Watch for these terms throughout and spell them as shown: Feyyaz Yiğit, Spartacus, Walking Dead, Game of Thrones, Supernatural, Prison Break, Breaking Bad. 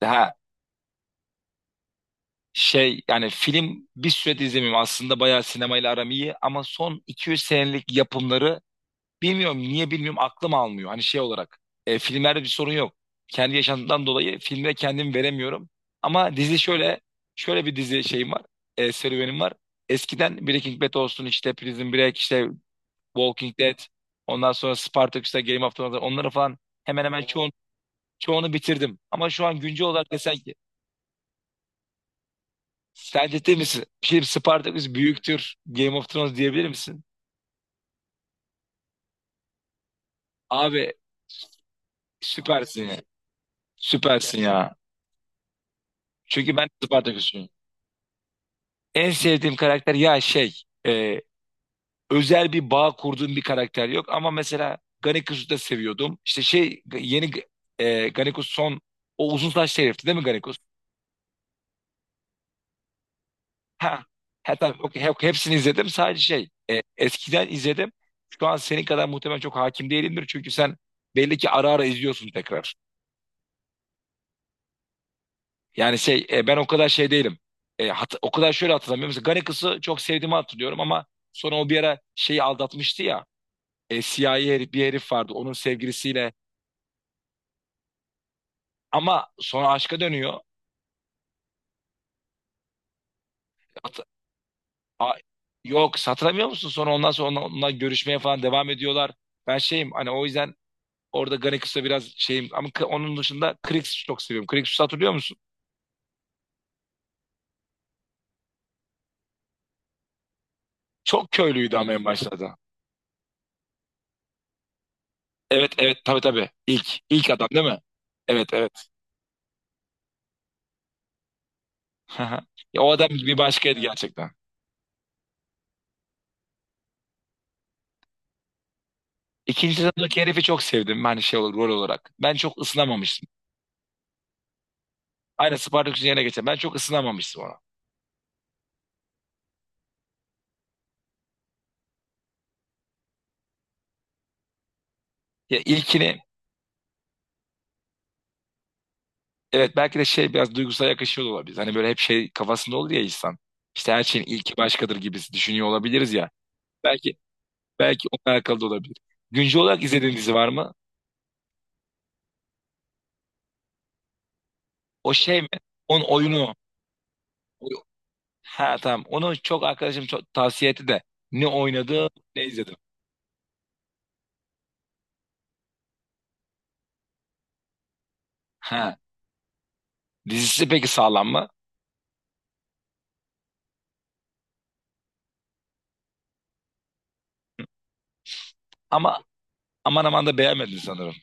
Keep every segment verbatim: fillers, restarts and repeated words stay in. Daha şey yani film bir süredir izlemiyorum. Aslında bayağı sinemayla aram iyi ama son iki yüz senelik yapımları bilmiyorum niye bilmiyorum aklım almıyor. Hani şey olarak e, filmlerde bir sorun yok. Kendi yaşantımdan dolayı filme kendimi veremiyorum. Ama dizi şöyle şöyle bir dizi şeyim var. E, serüvenim var. Eskiden Breaking Bad olsun işte Prison Break işte Walking Dead ondan sonra Spartacus'ta Game of Thrones onları falan hemen hemen çoğun, çoğunu bitirdim. Ama şu an güncel olarak desen Sen ciddi misin? Şimdi Spartacus büyüktür. Game of Thrones diyebilir misin? Abi süpersin ya. Süpersin ya. Çünkü ben de Spartacus'um. En sevdiğim karakter ya şey e, özel bir bağ kurduğum bir karakter yok ama mesela Ganeku'yu da seviyordum. İşte şey yeni e, Ganeku son o uzun saçlı herifti değil mi Ganeku? Ha. Ha tamam okey, he- hepsini izledim sadece şey e, eskiden izledim. Şu an senin kadar muhtemelen çok hakim değilimdir çünkü sen belli ki ara ara izliyorsun tekrar. Yani şey e, ben o kadar şey değilim. E, hat- o kadar şöyle hatırlamıyorum. Mesela Garakıs'ı çok sevdiğimi hatırlıyorum ama sonra o bir ara şeyi aldatmıştı ya. E, siyahi herif, bir herif vardı onun sevgilisiyle. Ama sonra aşka dönüyor. Hat- A- yok hatırlamıyor musun? Sonra ondan sonra onla- onunla görüşmeye falan devam ediyorlar. Ben şeyim hani o yüzden orada Garakıs'a biraz şeyim. Ama k- onun dışında Krixus'u çok seviyorum. Krixus'u hatırlıyor musun? Çok köylüydü ama en başlarda. Evet evet tabii tabii. İlk, ilk adam değil mi? Evet evet. Aha. Ya o adam bir başkaydı gerçekten. İkinci sezondaki herifi çok sevdim ben şey olarak, rol olarak. Ben çok ısınamamıştım. Aynı Spartacus'un yerine geçen. Ben çok ısınamamıştım ona. Ya ilkini evet belki de şey biraz duygusal yakışıyor da olabilir. Hani böyle hep şey kafasında olur ya insan. İşte her şeyin ilki başkadır gibisi düşünüyor olabiliriz ya. Belki belki onunla alakalı da olabilir. Güncel olarak izlediğin dizi var mı? O şey mi? Onun oyunu. O- Ha, tamam. Onu çok arkadaşım çok tavsiye etti de. Ne oynadı ne izledim. Ha. Dizisi peki sağlam mı? Ama Aman aman da beğenmedim sanırım.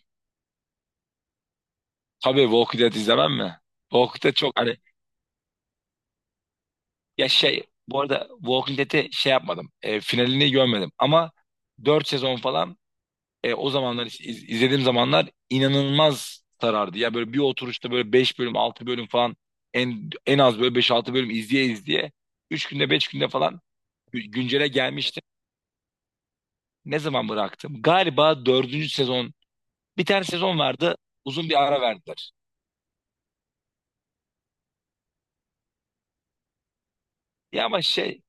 Tabii Walking Dead izlemem mi? Walking Dead çok hani ya şey bu arada Walking Dead'i şey yapmadım. E, finalini görmedim ama dört sezon falan e, o zamanlar iz- izlediğim zamanlar inanılmaz sarardı. Ya böyle bir oturuşta böyle beş bölüm altı bölüm falan en en az böyle beş altı bölüm izleye izleye üç günde beş günde falan gü- güncele gelmiştim. Ne zaman bıraktım? Galiba dördüncü sezon bir tane sezon vardı uzun bir ara verdiler. Ya ama şey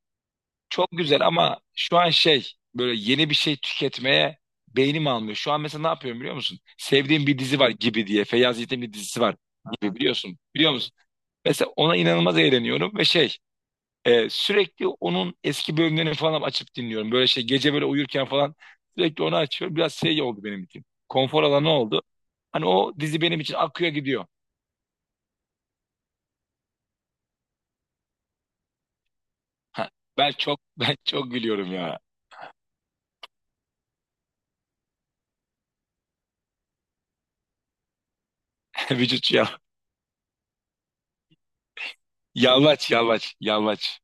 çok güzel ama şu an şey böyle yeni bir şey tüketmeye beynim almıyor. Şu an mesela ne yapıyorum biliyor musun? Sevdiğim bir dizi var gibi diye. Feyyaz Yiğit'in bir dizisi var gibi biliyorsun. Biliyor musun? Mesela ona inanılmaz eğleniyorum ve şey e, sürekli onun eski bölümlerini falan açıp dinliyorum. Böyle şey gece böyle uyurken falan sürekli onu açıyorum. Biraz şey oldu benim için. Konfor alanı oldu. Hani o dizi benim için akıyor gidiyor. Ha, ben çok ben çok gülüyorum ya. Vücut ya. Yalvaç yalvaç yalvaç.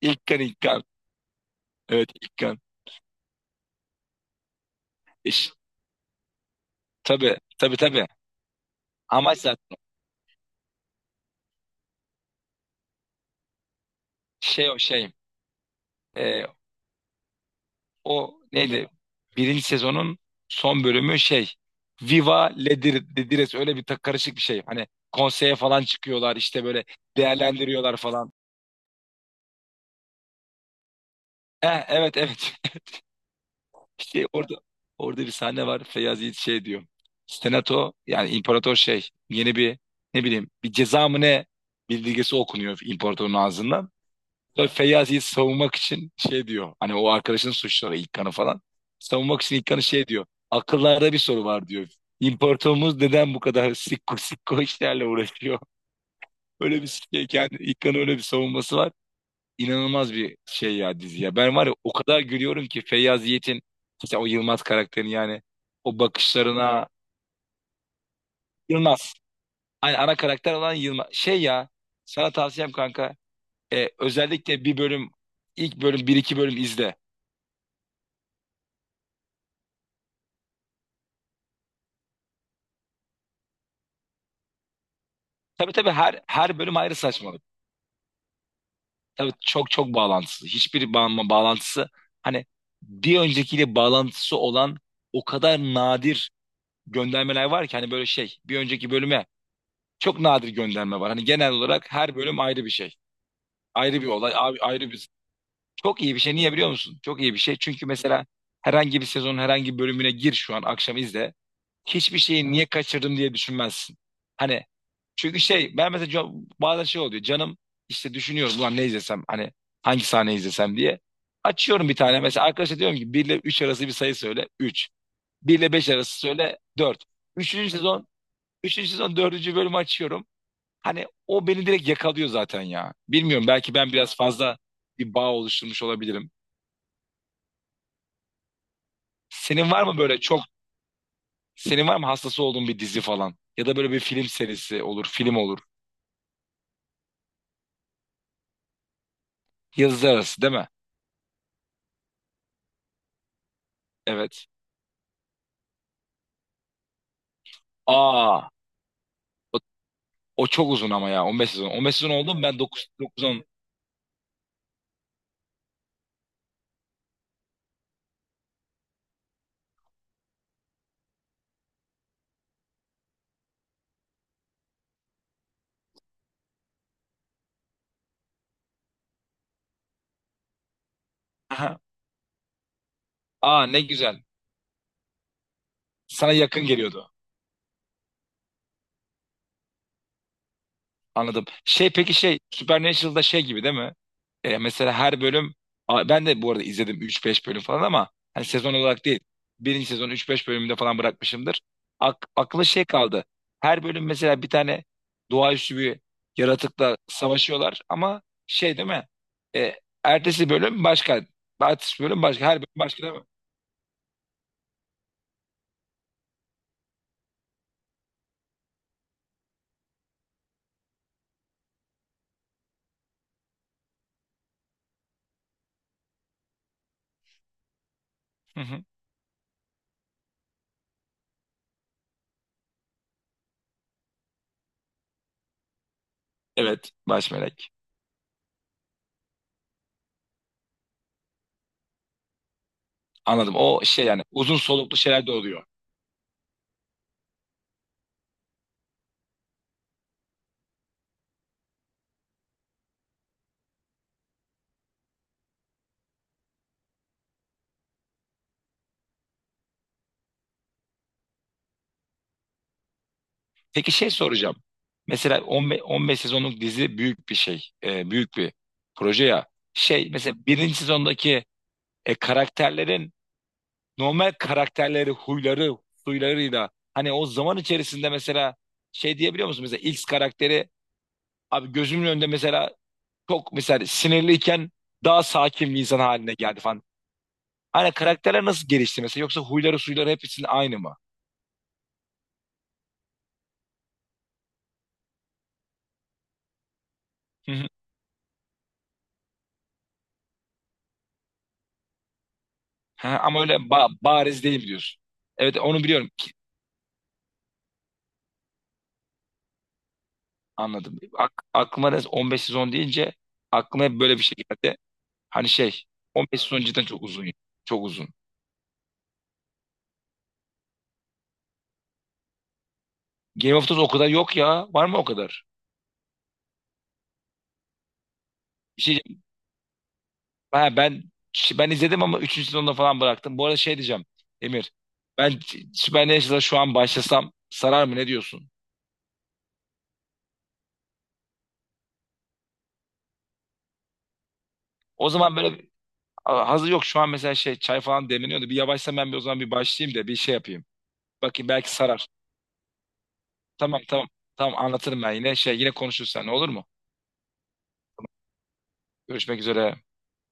İlkan İlkan. Evet ilk gün. İş, tabii tabii tabii. Amaç zaten şey o şey. e, O neydi? Birinci sezonun son bölümü şey. Viva Ledires öyle bir ta- karışık bir şey. Hani konseye falan çıkıyorlar işte böyle değerlendiriyorlar falan. Eh, evet evet. İşte orada orada bir sahne var. Feyyaz Yiğit şey diyor. Senato yani imparator şey yeni bir ne bileyim bir ceza mı ne bildirgesi okunuyor imparatorun ağzından. Sonra Feyyasi'yi savunmak için şey diyor. Hani o arkadaşın suçları İlkan'ı falan. Savunmak için İlkan'ı şey diyor. Akıllarda bir soru var diyor. İmparatorumuz neden bu kadar sikko sikko işlerle uğraşıyor? Öyle bir şey kendi İlkan'ın öyle bir savunması var. İnanılmaz bir şey ya dizi ya. Ben var ya o kadar gülüyorum ki Feyyaz Yiğit'in işte o Yılmaz karakterini yani o bakışlarına Yılmaz. Hani ana karakter olan Yılmaz. Şey ya sana tavsiyem kanka e, özellikle bir bölüm ilk bölüm bir iki bölüm izle. Tabii tabii her her bölüm ayrı saçmalık. Tabii çok çok bağlantısı. Hiçbir bağ bağlantısı hani bir öncekiyle bağlantısı olan o kadar nadir göndermeler var ki hani böyle şey bir önceki bölüme çok nadir gönderme var. Hani genel olarak her bölüm ayrı bir şey. Ayrı bir olay, a- ayrı bir çok iyi bir şey. Niye biliyor musun? Çok iyi bir şey. Çünkü mesela herhangi bir sezonun herhangi bir bölümüne gir şu an akşam izle. Hiçbir şeyi niye kaçırdım diye düşünmezsin. Hani çünkü şey ben mesela can- bazen şey oluyor. Canım işte düşünüyorum ulan ne izlesem hani hangi sahne izlesem diye. Açıyorum bir tane mesela arkadaşa diyorum ki bir ile üç arası bir sayı söyle üç bir ile beş arası söyle dört üçüncü sezon üçüncü sezon dördüncü bölümü açıyorum. Hani o beni direkt yakalıyor zaten ya. Bilmiyorum belki ben biraz fazla bir bağ oluşturmuş olabilirim. Senin var mı böyle çok senin var mı hastası olduğun bir dizi falan? Ya da böyle bir film serisi olur, film olur. Yazı arası değil mi? Evet. Aa, o, o çok uzun ama ya on beş sezon. on beş sezon oldu mu? Ben dokuz dokuz on Aha. Aa, ne güzel. Sana yakın geliyordu. Anladım. Şey peki şey Supernatural'da şey gibi değil mi? E, mesela her bölüm a- ben de bu arada izledim üç beş bölüm falan ama hani sezon olarak değil. Birinci sezon üç beş bölümünde falan bırakmışımdır. Ak aklı şey kaldı. Her bölüm mesela bir tane doğaüstü bir yaratıkla savaşıyorlar ama şey değil mi? E, ertesi bölüm başka. Ertesi bölüm başka. Her bölüm başka değil mi? Hı hı. Evet. Baş melek. Anladım. O şey yani uzun soluklu şeyler de oluyor. Peki şey soracağım. Mesela on beş on beş sezonluk dizi büyük bir şey. E, büyük bir proje ya. Şey mesela birinci sezondaki e, karakterlerin normal karakterleri, huyları, suylarıyla hani o zaman içerisinde mesela şey diyebiliyor musun? Mesela X karakteri abi gözümün önünde mesela çok mesela sinirliyken daha sakin bir insan haline geldi falan. Hani karakterler nasıl gelişti mesela? Yoksa huyları, suyları hepsinin aynı mı? Hı hı. Ha, ama öyle ba- bariz değil diyorsun. Evet onu biliyorum. Anladım. Ak aklıma da on beş sezon deyince aklıma hep böyle bir şey geldi. Hani şey on beş sezon cidden çok uzun ya. Çok uzun. Game of Thrones o kadar yok ya. Var mı o kadar? Bir şey ha, ben ben izledim ama üçüncü sezonda falan bıraktım. Bu arada şey diyeceğim Emir. Ben Supernatural şu an başlasam sarar mı ne diyorsun? O zaman böyle a- hazır yok şu an mesela şey çay falan demleniyordu. Bir yavaşsam ben bir o zaman bir başlayayım da bir şey yapayım. Bakayım belki sarar. Tamam tamam. Tamam anlatırım ben yine şey yine konuşuruz seninle olur mu? Görüşmek üzere.